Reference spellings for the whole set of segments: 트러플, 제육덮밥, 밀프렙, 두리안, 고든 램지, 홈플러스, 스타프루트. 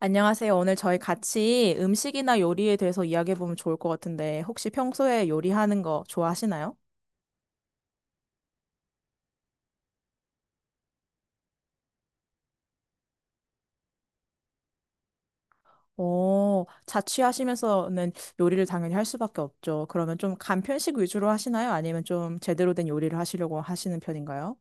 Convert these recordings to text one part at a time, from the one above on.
안녕하세요. 오늘 저희 같이 음식이나 요리에 대해서 이야기해보면 좋을 것 같은데, 혹시 평소에 요리하는 거 좋아하시나요? 오, 자취하시면서는 요리를 당연히 할 수밖에 없죠. 그러면 좀 간편식 위주로 하시나요? 아니면 좀 제대로 된 요리를 하시려고 하시는 편인가요?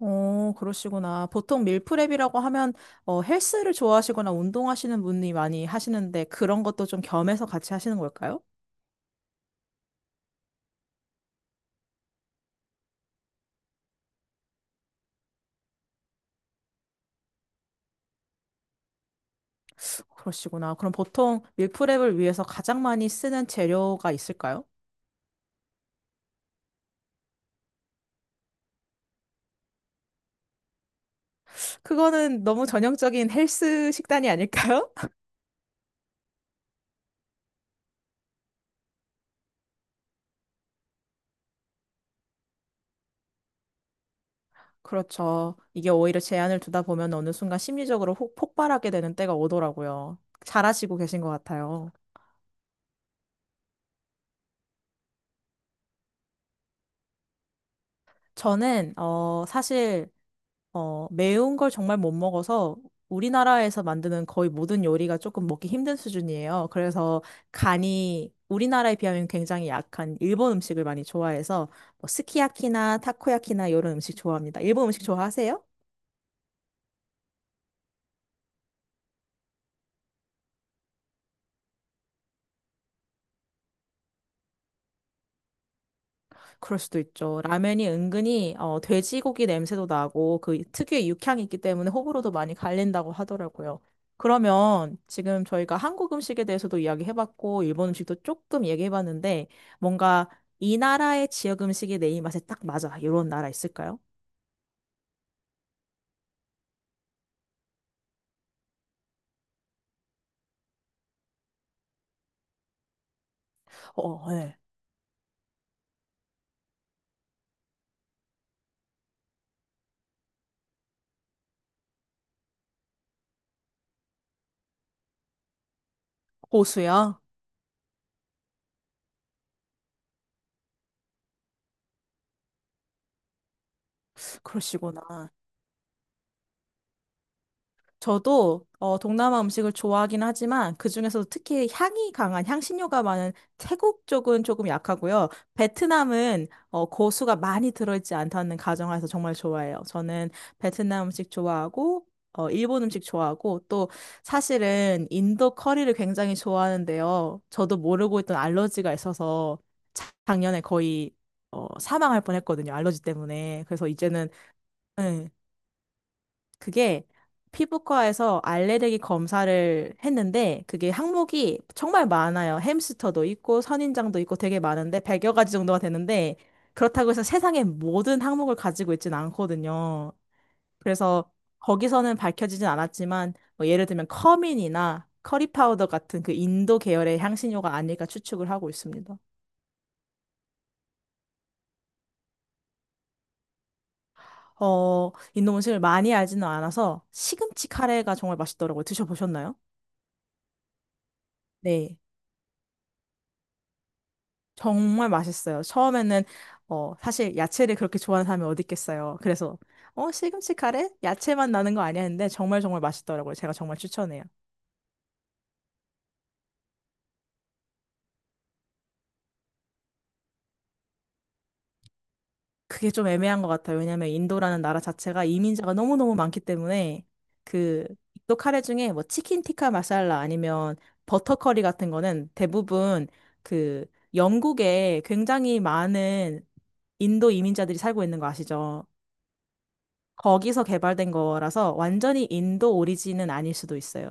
오, 그러시구나. 보통 밀프렙이라고 하면 헬스를 좋아하시거나 운동하시는 분이 많이 하시는데 그런 것도 좀 겸해서 같이 하시는 걸까요? 그러시구나. 그럼 보통 밀프렙을 위해서 가장 많이 쓰는 재료가 있을까요? 그거는 너무 전형적인 헬스 식단이 아닐까요? 그렇죠. 이게 오히려 제한을 두다 보면 어느 순간 심리적으로 폭발하게 되는 때가 오더라고요. 잘하시고 계신 것 같아요. 저는, 사실, 매운 걸 정말 못 먹어서 우리나라에서 만드는 거의 모든 요리가 조금 먹기 힘든 수준이에요. 그래서 간이 우리나라에 비하면 굉장히 약한 일본 음식을 많이 좋아해서 뭐 스키야키나 타코야키나 이런 음식 좋아합니다. 일본 음식 좋아하세요? 그럴 수도 있죠. 라면이 은근히 돼지고기 냄새도 나고 그 특유의 육향이 있기 때문에 호불호도 많이 갈린다고 하더라고요. 그러면 지금 저희가 한국 음식에 대해서도 이야기해봤고 일본 음식도 조금 얘기해봤는데 뭔가 이 나라의 지역 음식이 내 입맛에 딱 맞아. 이런 나라 있을까요? 어, 네. 고수야? 그러시구나. 저도 동남아 음식을 좋아하긴 하지만 그중에서도 특히 향이 강한 향신료가 많은 태국 쪽은 조금 약하고요. 베트남은 고수가 많이 들어있지 않다는 가정하에서 정말 좋아해요. 저는 베트남 음식 좋아하고 일본 음식 좋아하고 또 사실은 인도 커리를 굉장히 좋아하는데요. 저도 모르고 있던 알러지가 있어서 작년에 거의 사망할 뻔했거든요. 알러지 때문에. 그래서 이제는 응, 그게 피부과에서 알레르기 검사를 했는데 그게 항목이 정말 많아요. 햄스터도 있고 선인장도 있고 되게 많은데 100여 가지 정도가 되는데 그렇다고 해서 세상의 모든 항목을 가지고 있진 않거든요. 그래서 거기서는 밝혀지진 않았지만 뭐 예를 들면 커민이나 커리 파우더 같은 그 인도 계열의 향신료가 아닐까 추측을 하고 있습니다. 인도 음식을 많이 알지는 않아서 시금치 카레가 정말 맛있더라고요. 드셔보셨나요? 네. 정말 맛있어요. 처음에는 사실 야채를 그렇게 좋아하는 사람이 어디 있겠어요. 그래서 시금치 카레? 야채만 나는 거 아니야 했는데 정말 정말 맛있더라고요. 제가 정말 추천해요. 그게 좀 애매한 것 같아요. 왜냐면 인도라는 나라 자체가 이민자가 너무너무 많기 때문에 그 인도 카레 중에 뭐 치킨 티카 마살라 아니면 버터 커리 같은 거는 대부분 그 영국에 굉장히 많은 인도 이민자들이 살고 있는 거 아시죠? 거기서 개발된 거라서 완전히 인도 오리진은 아닐 수도 있어요.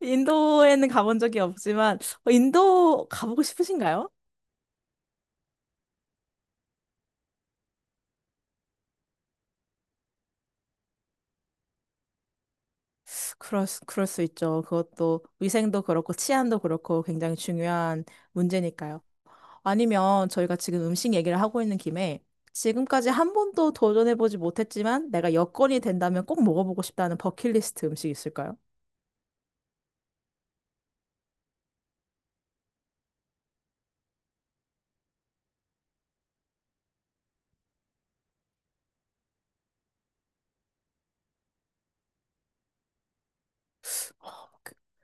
인도에는 가본 적이 없지만 인도 가보고 싶으신가요? 그럴 수 있죠. 그것도 위생도 그렇고 치안도 그렇고 굉장히 중요한 문제니까요. 아니면 저희가 지금 음식 얘기를 하고 있는 김에 지금까지 한 번도 도전해보지 못했지만 내가 여건이 된다면 꼭 먹어보고 싶다는 버킷리스트 음식 있을까요?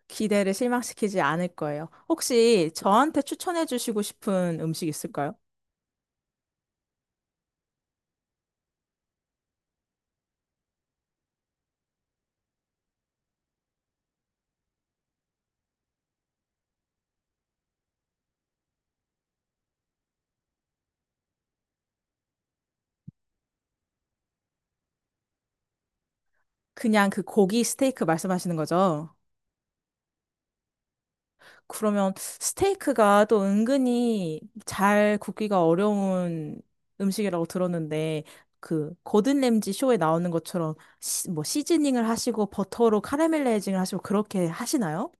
기대를 실망시키지 않을 거예요. 혹시 저한테 추천해 주시고 싶은 음식 있을까요? 그냥 그 고기 스테이크 말씀하시는 거죠? 그러면 스테이크가 또 은근히 잘 굽기가 어려운 음식이라고 들었는데 그 고든 램지 쇼에 나오는 것처럼 뭐 시즈닝을 하시고 버터로 카라멜라이징을 하시고 그렇게 하시나요?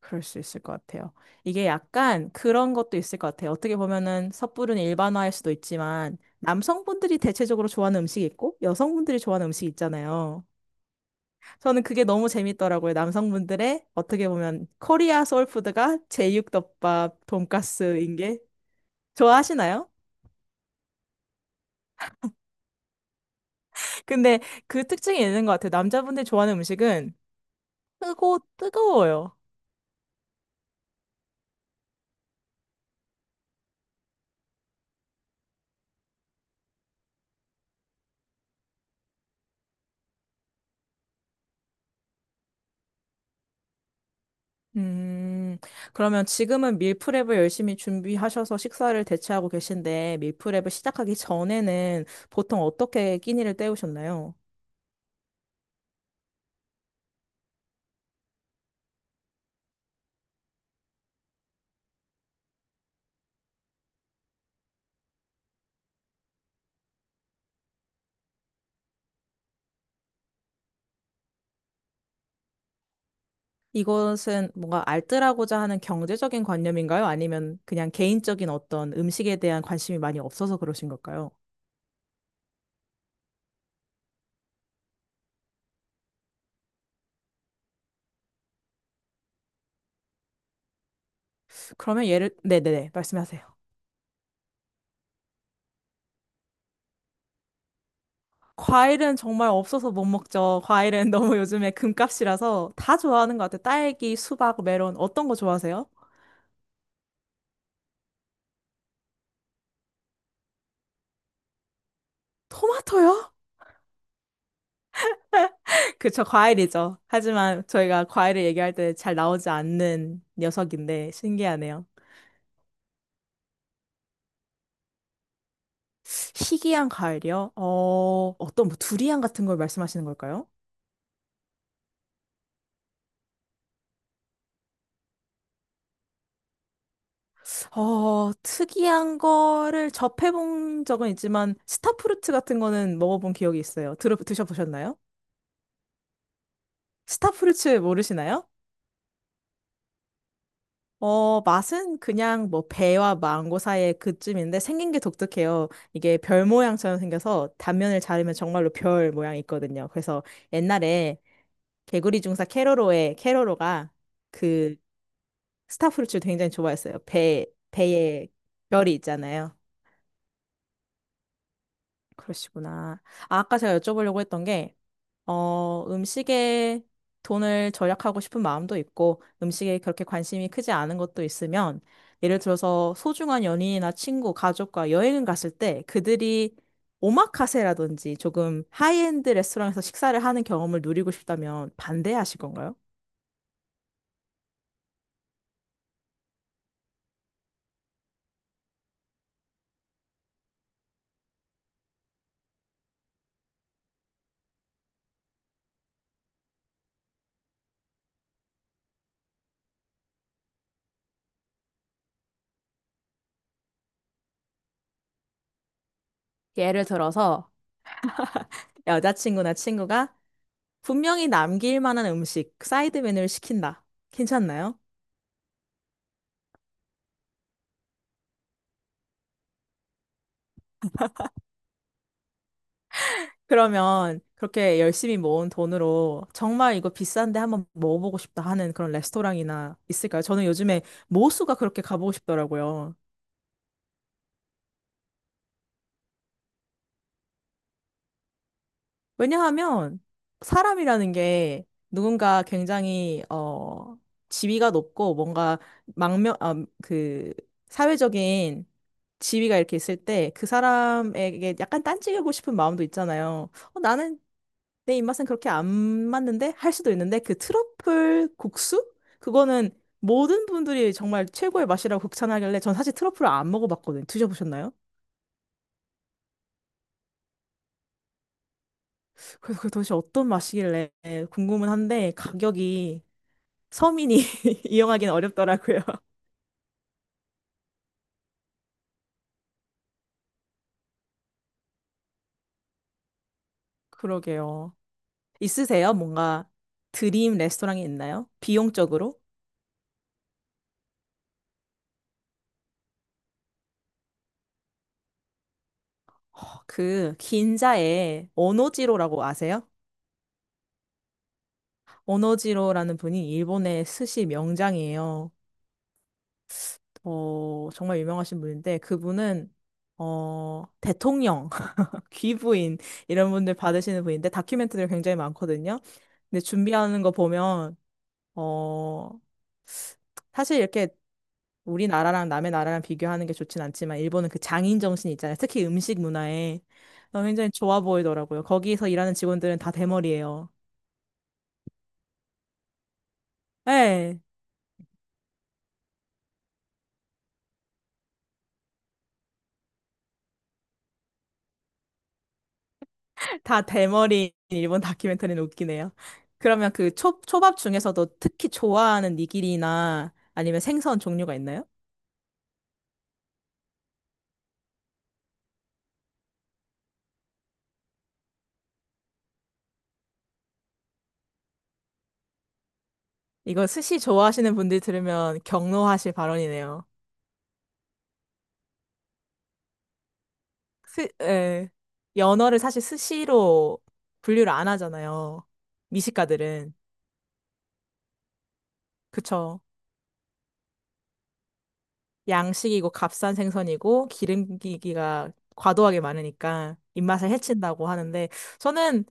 그럴 수 있을 것 같아요. 이게 약간 그런 것도 있을 것 같아요. 어떻게 보면은 섣부른 일반화일 수도 있지만 남성분들이 대체적으로 좋아하는 음식이 있고 여성분들이 좋아하는 음식이 있잖아요. 저는 그게 너무 재밌더라고요. 남성분들의 어떻게 보면 코리아 소울푸드가 제육덮밥, 돈가스인 게 좋아하시나요? 근데 그 특징이 있는 것 같아요. 남자분들이 좋아하는 음식은 뜨고 뜨거워요. 음, 그러면 지금은 밀프렙을 열심히 준비하셔서 식사를 대체하고 계신데, 밀프렙을 시작하기 전에는 보통 어떻게 끼니를 때우셨나요? 이것은 뭔가 알뜰하고자 하는 경제적인 관념인가요? 아니면 그냥 개인적인 어떤 음식에 대한 관심이 많이 없어서 그러신 걸까요? 그러면 네네네, 말씀하세요. 과일은 정말 없어서 못 먹죠. 과일은 너무 요즘에 금값이라서 다 좋아하는 것 같아요. 딸기, 수박, 메론, 어떤 거 좋아하세요? 토마토요? 그쵸, 과일이죠. 하지만 저희가 과일을 얘기할 때 잘 나오지 않는 녀석인데 신기하네요. 희귀한 과일이요? 어떤 뭐 두리안 같은 걸 말씀하시는 걸까요? 특이한 거를 접해본 적은 있지만 스타프루트 같은 거는 먹어본 기억이 있어요. 드셔보셨나요? 스타프루트 모르시나요? 맛은 그냥 뭐 배와 망고 사이의 그쯤인데 생긴 게 독특해요. 이게 별 모양처럼 생겨서 단면을 자르면 정말로 별 모양이 있거든요. 그래서 옛날에 개구리 중사 캐로로의 캐로로가 그 스타프루츠를 굉장히 좋아했어요. 배에 별이 있잖아요. 그러시구나. 아, 아까 제가 여쭤보려고 했던 게 음식에 돈을 절약하고 싶은 마음도 있고, 음식에 그렇게 관심이 크지 않은 것도 있으면, 예를 들어서 소중한 연인이나 친구, 가족과 여행을 갔을 때 그들이 오마카세라든지 조금 하이엔드 레스토랑에서 식사를 하는 경험을 누리고 싶다면 반대하실 건가요? 예를 들어서 여자친구나 친구가 분명히 남길 만한 음식, 사이드 메뉴를 시킨다. 괜찮나요? 그러면 그렇게 열심히 모은 돈으로 정말 이거 비싼데 한번 먹어보고 싶다 하는 그런 레스토랑이나 있을까요? 저는 요즘에 모수가 그렇게 가보고 싶더라고요. 왜냐하면 사람이라는 게 누군가 굉장히 지위가 높고 뭔가 망명 아, 그 사회적인 지위가 이렇게 있을 때 그 사람에게 약간 딴지우고 싶은 마음도 있잖아요. 나는 내 입맛은 그렇게 안 맞는데 할 수도 있는데 그 트러플 국수? 그거는 모든 분들이 정말 최고의 맛이라고 극찬하길래 전 사실 트러플을 안 먹어봤거든요. 드셔보셨나요? 그래서 그 도대체 어떤 맛이길래 궁금은 한데 가격이 서민이 이용하기는 어렵더라고요. 그러게요. 있으세요? 뭔가 드림 레스토랑이 있나요? 비용적으로? 그 긴자에 오노지로라고 아세요? 오노지로라는 분이 일본의 스시 명장이에요. 정말 유명하신 분인데 그분은 대통령, 귀부인 이런 분들 받으시는 분인데 다큐멘터리가 굉장히 많거든요. 근데 준비하는 거 보면 어, 사실 이렇게 우리나라랑 남의 나라랑 비교하는 게 좋진 않지만 일본은 그 장인 정신 있잖아요. 특히 음식 문화에 굉장히 좋아 보이더라고요. 거기서 일하는 직원들은 다 대머리예요. 네, 다 대머리 일본 다큐멘터리는 웃기네요. 그러면 초밥 중에서도 특히 좋아하는 니기리나 아니면 생선 종류가 있나요? 이거 스시 좋아하시는 분들 들으면 경로하실 발언이네요. 예, 연어를 사실 스시로 분류를 안 하잖아요. 미식가들은. 그쵸. 양식이고 값싼 생선이고 기름기가 과도하게 많으니까 입맛을 해친다고 하는데 저는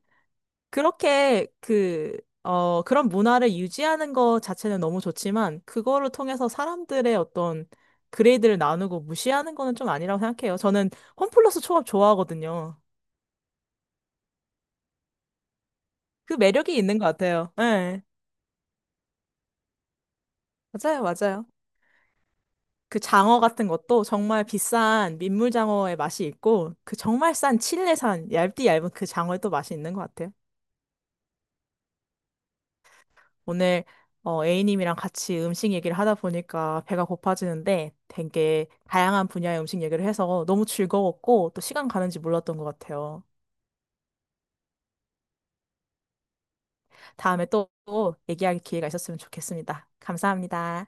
그렇게 그런 문화를 유지하는 것 자체는 너무 좋지만 그거를 통해서 사람들의 어떤 그레이드를 나누고 무시하는 거는 좀 아니라고 생각해요. 저는 홈플러스 초밥 좋아하거든요. 그 매력이 있는 것 같아요. 네. 맞아요, 맞아요. 그 장어 같은 것도 정말 비싼 민물장어의 맛이 있고, 그 정말 싼 칠레산 얇디 얇은 그 장어의 또 맛이 있는 것 같아요. 오늘 A님이랑 같이 음식 얘기를 하다 보니까 배가 고파지는데 되게 다양한 분야의 음식 얘기를 해서 너무 즐거웠고 또 시간 가는지 몰랐던 것 같아요. 다음에 또 얘기할 기회가 있었으면 좋겠습니다. 감사합니다.